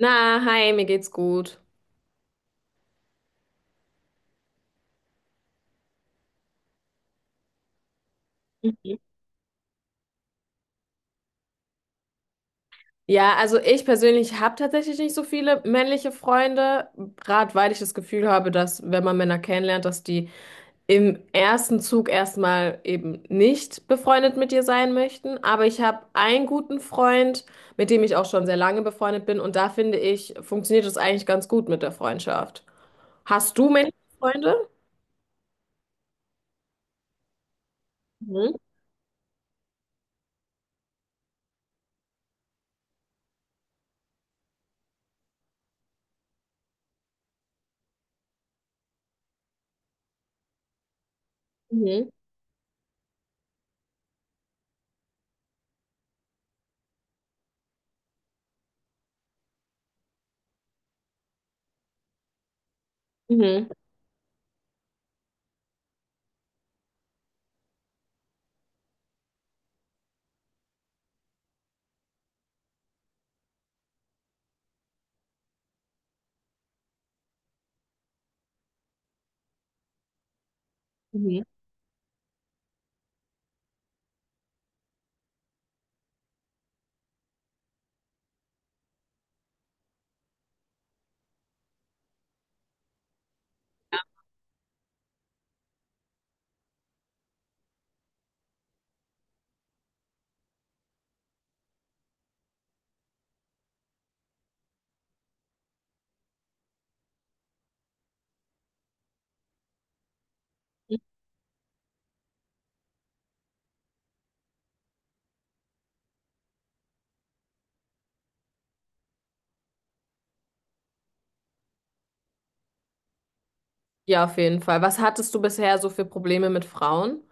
Na, hi, mir geht's gut. Mhm. Ja, also ich persönlich habe tatsächlich nicht so viele männliche Freunde, gerade weil ich das Gefühl habe, dass wenn man Männer kennenlernt, dass die im ersten Zug erstmal eben nicht befreundet mit dir sein möchten. Aber ich habe einen guten Freund, mit dem ich auch schon sehr lange befreundet bin und da finde ich, funktioniert es eigentlich ganz gut mit der Freundschaft. Hast du männliche Freunde? Mhm. Mhm. Mhm. Mhm. Ja, auf jeden Fall. Was hattest du bisher so für Probleme mit Frauen?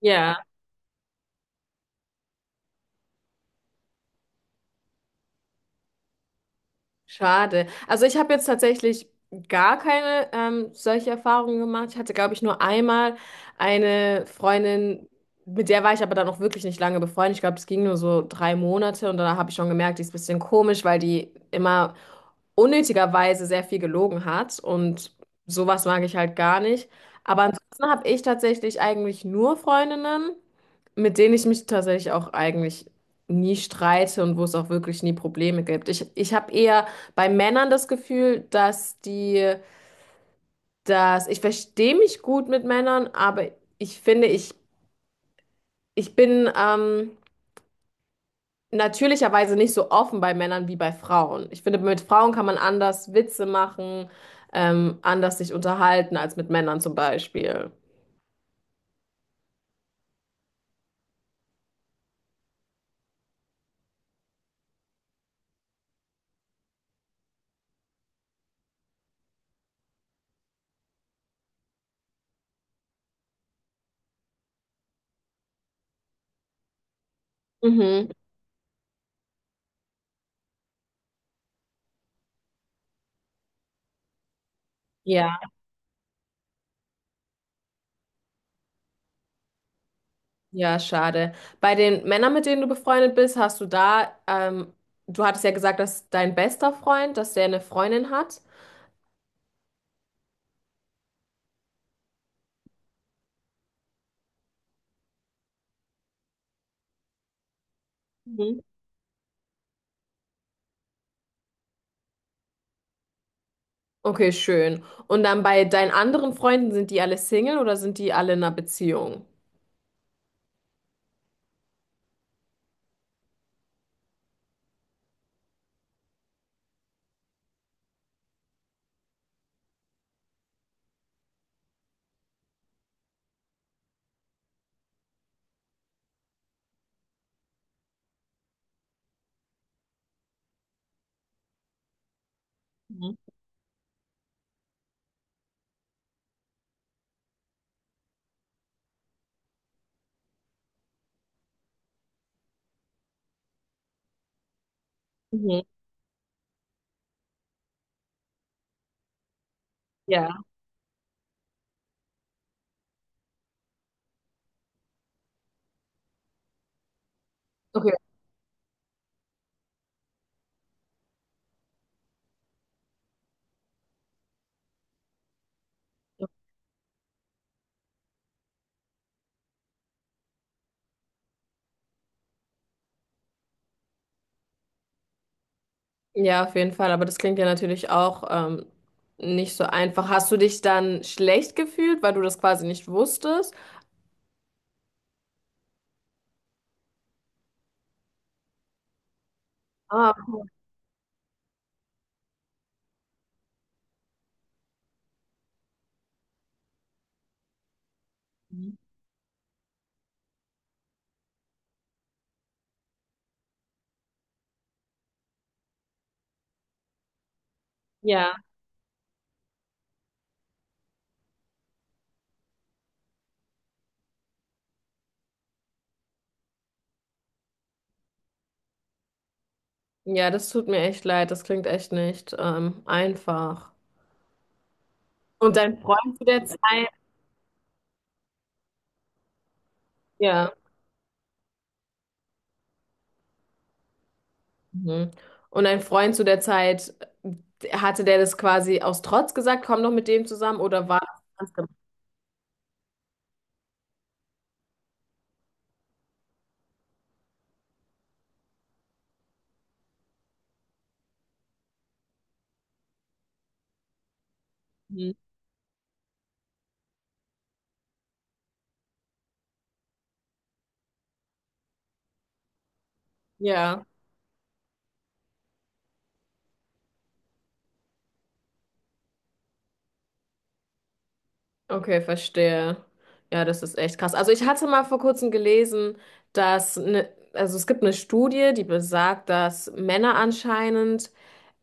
Ja, schade. Also ich habe jetzt tatsächlich gar keine solche Erfahrungen gemacht. Ich hatte, glaube ich, nur einmal eine Freundin, mit der war ich aber dann auch wirklich nicht lange befreundet. Ich glaube, es ging nur so drei Monate und da habe ich schon gemerkt, die ist ein bisschen komisch, weil die immer unnötigerweise sehr viel gelogen hat und sowas mag ich halt gar nicht. Aber ansonsten habe ich tatsächlich eigentlich nur Freundinnen, mit denen ich mich tatsächlich auch eigentlich nie streite und wo es auch wirklich nie Probleme gibt. Ich habe eher bei Männern das Gefühl, dass die, dass ich verstehe mich gut mit Männern, aber ich finde, ich bin natürlicherweise nicht so offen bei Männern wie bei Frauen. Ich finde, mit Frauen kann man anders Witze machen, anders sich unterhalten als mit Männern zum Beispiel. Mhm. Ja. Ja, schade. Bei den Männern, mit denen du befreundet bist, hast du da, du hattest ja gesagt, dass dein bester Freund, dass der eine Freundin hat. Mhm. Okay, schön. Und dann bei deinen anderen Freunden, sind die alle Single oder sind die alle in einer Beziehung? Mhm. Mhm. Ja. Okay. Ja, auf jeden Fall. Aber das klingt ja natürlich auch nicht so einfach. Hast du dich dann schlecht gefühlt, weil du das quasi nicht wusstest? Ah. Mhm. Ja. Ja, das tut mir echt leid. Das klingt echt nicht einfach. Und dein Freund zu der Zeit, ja. Mhm. Und dein Freund zu der Zeit, hatte der das quasi aus Trotz gesagt, komm doch mit dem zusammen oder war das ganz gemacht? Mhm. Ja, okay, verstehe. Ja, das ist echt krass. Also ich hatte mal vor kurzem gelesen, dass ne, also es gibt eine Studie, die besagt, dass Männer anscheinend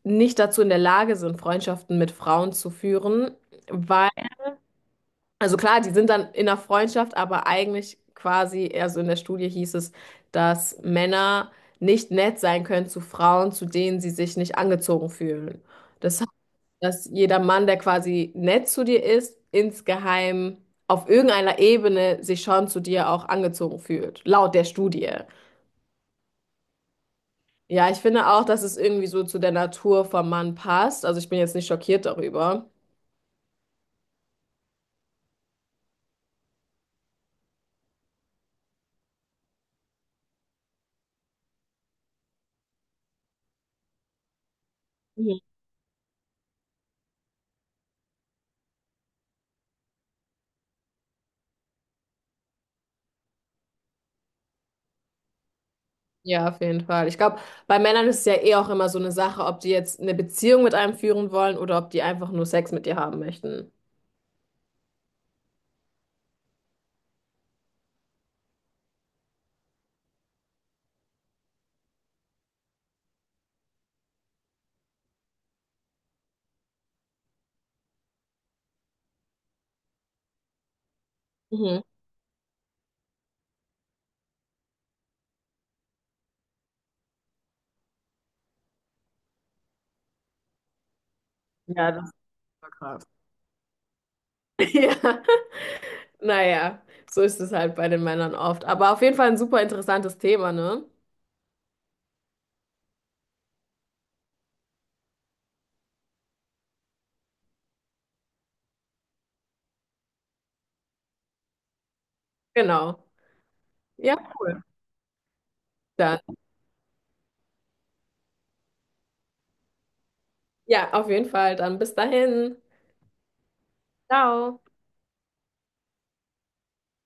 nicht dazu in der Lage sind, Freundschaften mit Frauen zu führen, weil, also klar, die sind dann in der Freundschaft, aber eigentlich quasi, also in der Studie hieß es, dass Männer nicht nett sein können zu Frauen, zu denen sie sich nicht angezogen fühlen. Das heißt, dass jeder Mann, der quasi nett zu dir ist, insgeheim auf irgendeiner Ebene sich schon zu dir auch angezogen fühlt, laut der Studie. Ja, ich finde auch, dass es irgendwie so zu der Natur vom Mann passt. Also ich bin jetzt nicht schockiert darüber. Ja, auf jeden Fall. Ich glaube, bei Männern ist es ja eh auch immer so eine Sache, ob die jetzt eine Beziehung mit einem führen wollen oder ob die einfach nur Sex mit dir haben möchten. Mhm. Ja, das ist voll krass. Ja, naja, so ist es halt bei den Männern oft. Aber auf jeden Fall ein super interessantes Thema, ne? Genau. Ja, cool. Dann. Ja, auf jeden Fall. Dann bis dahin. Ciao.